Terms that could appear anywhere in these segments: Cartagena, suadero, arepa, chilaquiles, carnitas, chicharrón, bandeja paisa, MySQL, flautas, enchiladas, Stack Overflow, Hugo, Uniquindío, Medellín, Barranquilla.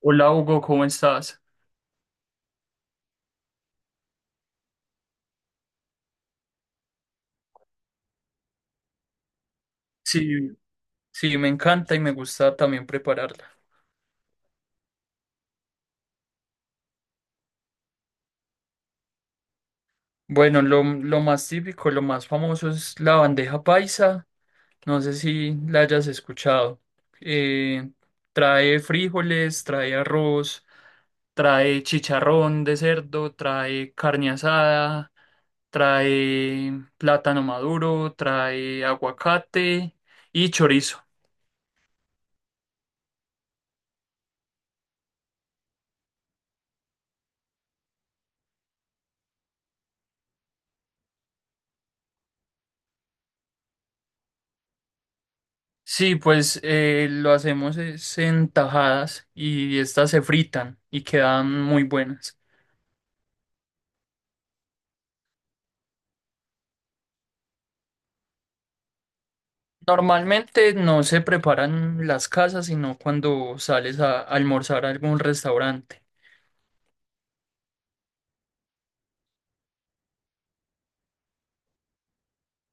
Hola Hugo, ¿cómo estás? Sí, sí, me encanta y me gusta también prepararla. Bueno, lo más típico, lo más famoso es la bandeja paisa. No sé si la hayas escuchado. Eh, trae frijoles, trae arroz, trae chicharrón de cerdo, trae carne asada, trae plátano maduro, trae aguacate y chorizo. Sí, pues lo hacemos es en tajadas y estas se fritan y quedan muy buenas. Normalmente no se preparan en las casas, sino cuando sales a almorzar a algún restaurante.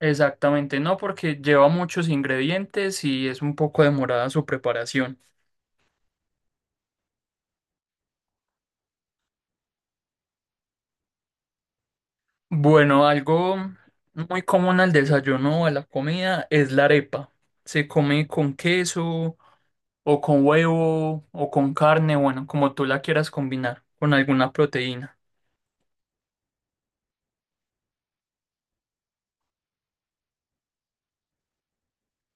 Exactamente, no, porque lleva muchos ingredientes y es un poco demorada su preparación. Bueno, algo muy común al desayuno o a la comida es la arepa. Se come con queso o con huevo, o con carne, bueno, como tú la quieras combinar, con alguna proteína.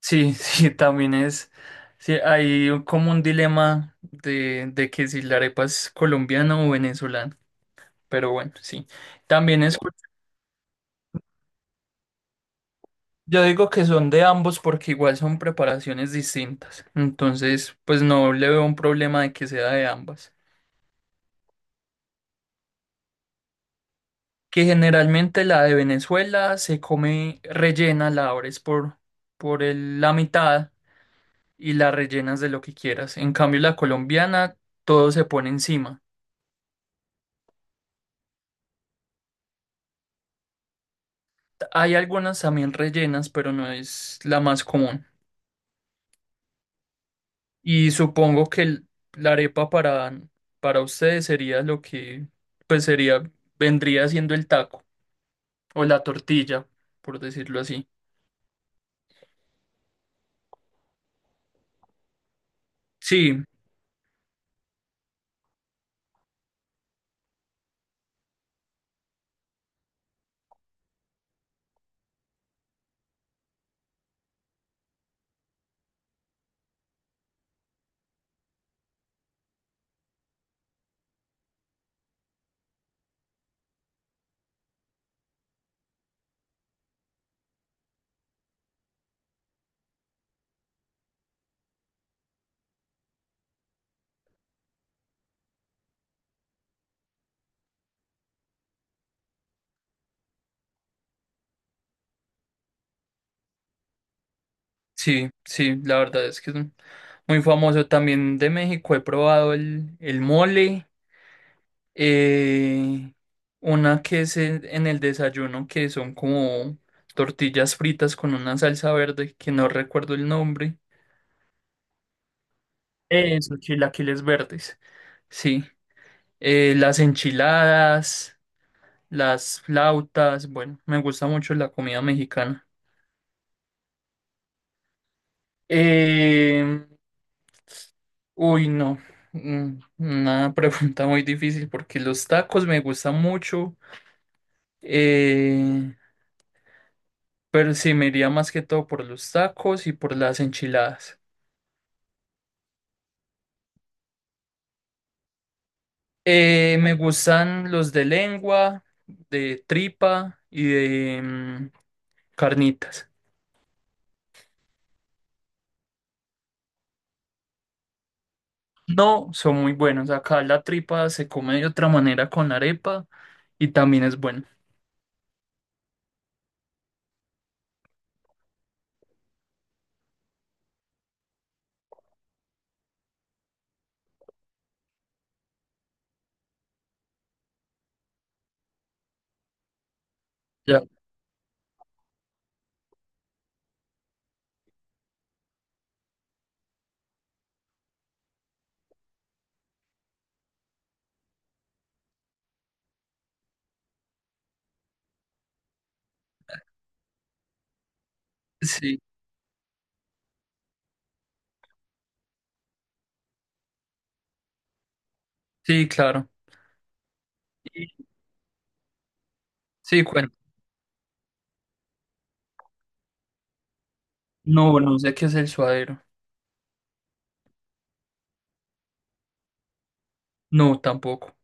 Sí, sí, también es. Sí, hay como un dilema de que si la arepa es colombiana o venezolana. Pero bueno, sí. También es. Yo digo que son de ambos porque igual son preparaciones distintas. Entonces, pues no le veo un problema de que sea de ambas. Que generalmente la de Venezuela se come rellena, la abres por la mitad, y la rellenas de lo que quieras. En cambio, la colombiana, todo se pone encima. Hay algunas también rellenas, pero no es la más común. Y supongo que la arepa para ustedes sería lo que, pues sería, vendría siendo el taco o la tortilla, por decirlo así. Sí, sí, sí, la verdad es que es muy famoso. También de México he probado el mole. Eh, una que es en el desayuno, que son como tortillas fritas con una salsa verde, que no recuerdo el nombre. Eso, chilaquiles verdes. Sí. Las enchiladas, las flautas. Bueno, me gusta mucho la comida mexicana. Eh, uy, no. Una pregunta muy difícil porque los tacos me gustan mucho. Eh, Pero sí, me iría más que todo por los tacos y por las enchiladas. Me gustan los de lengua, de tripa y de carnitas. No, son muy buenos. Acá la tripa se come de otra manera con arepa y también es bueno. Ya. Sí, sí, claro. Y- sí, cuento. No, no sé qué es el suadero. No, tampoco.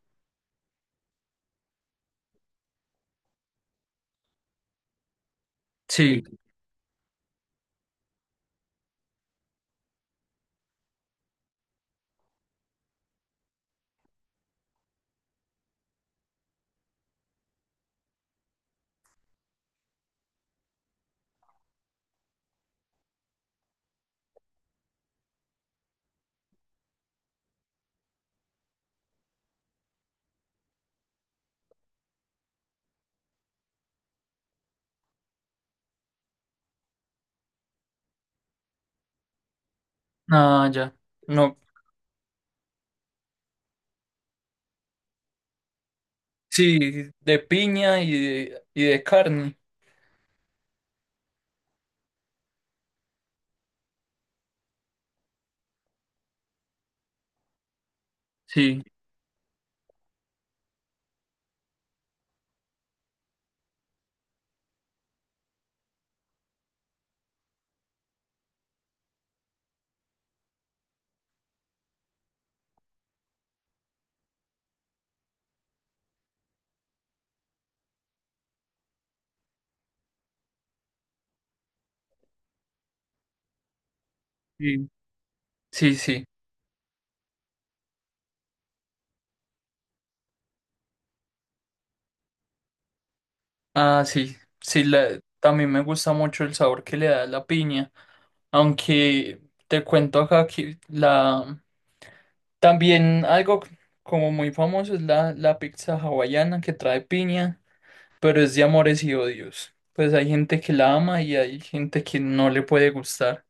Sí, ah, ya. No, sí, de piña y de carne. Sí, sí, sí, sí. Ah, sí, sí, también me gusta mucho el sabor que le da la piña, aunque te cuento acá también algo como muy famoso es la pizza hawaiana que trae piña, pero es de amores y odios. Pues hay gente que la ama y hay gente que no le puede gustar.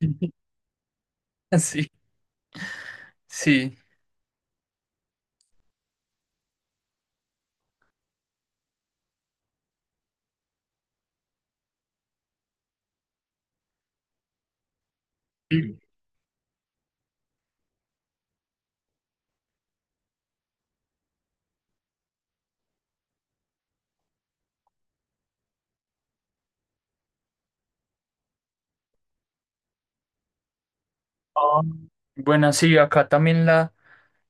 Sí, sí. Sí. Ah, bueno, sí, acá también la...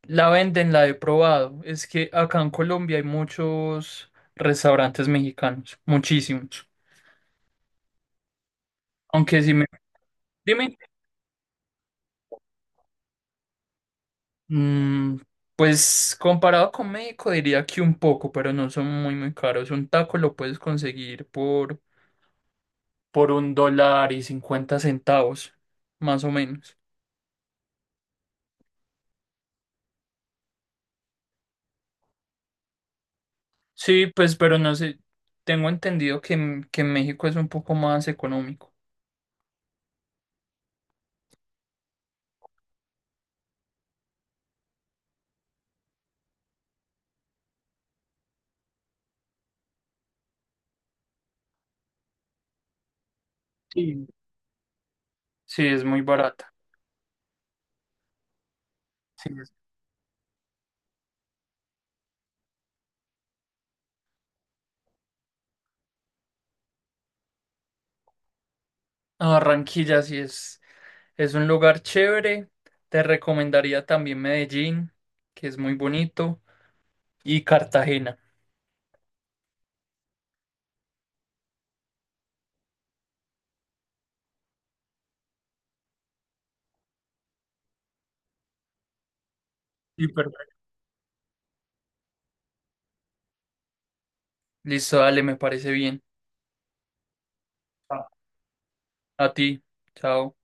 La venden, la he probado. Es que acá en Colombia hay muchos restaurantes mexicanos, muchísimos. Aunque si me... Dime, mm, pues comparado con México diría que un poco, pero no son muy, muy caros. Un taco lo puedes conseguir por $1.50, más o menos. Sí, pues, pero no sé, tengo entendido que en México es un poco más económico. Sí. Sí, es muy barata. Sí. A Barranquilla sí es, un lugar chévere. Te recomendaría también Medellín, que es muy bonito, y Cartagena. Sí, perfecto. Listo, dale, me parece bien. Ah. A ti. Chao.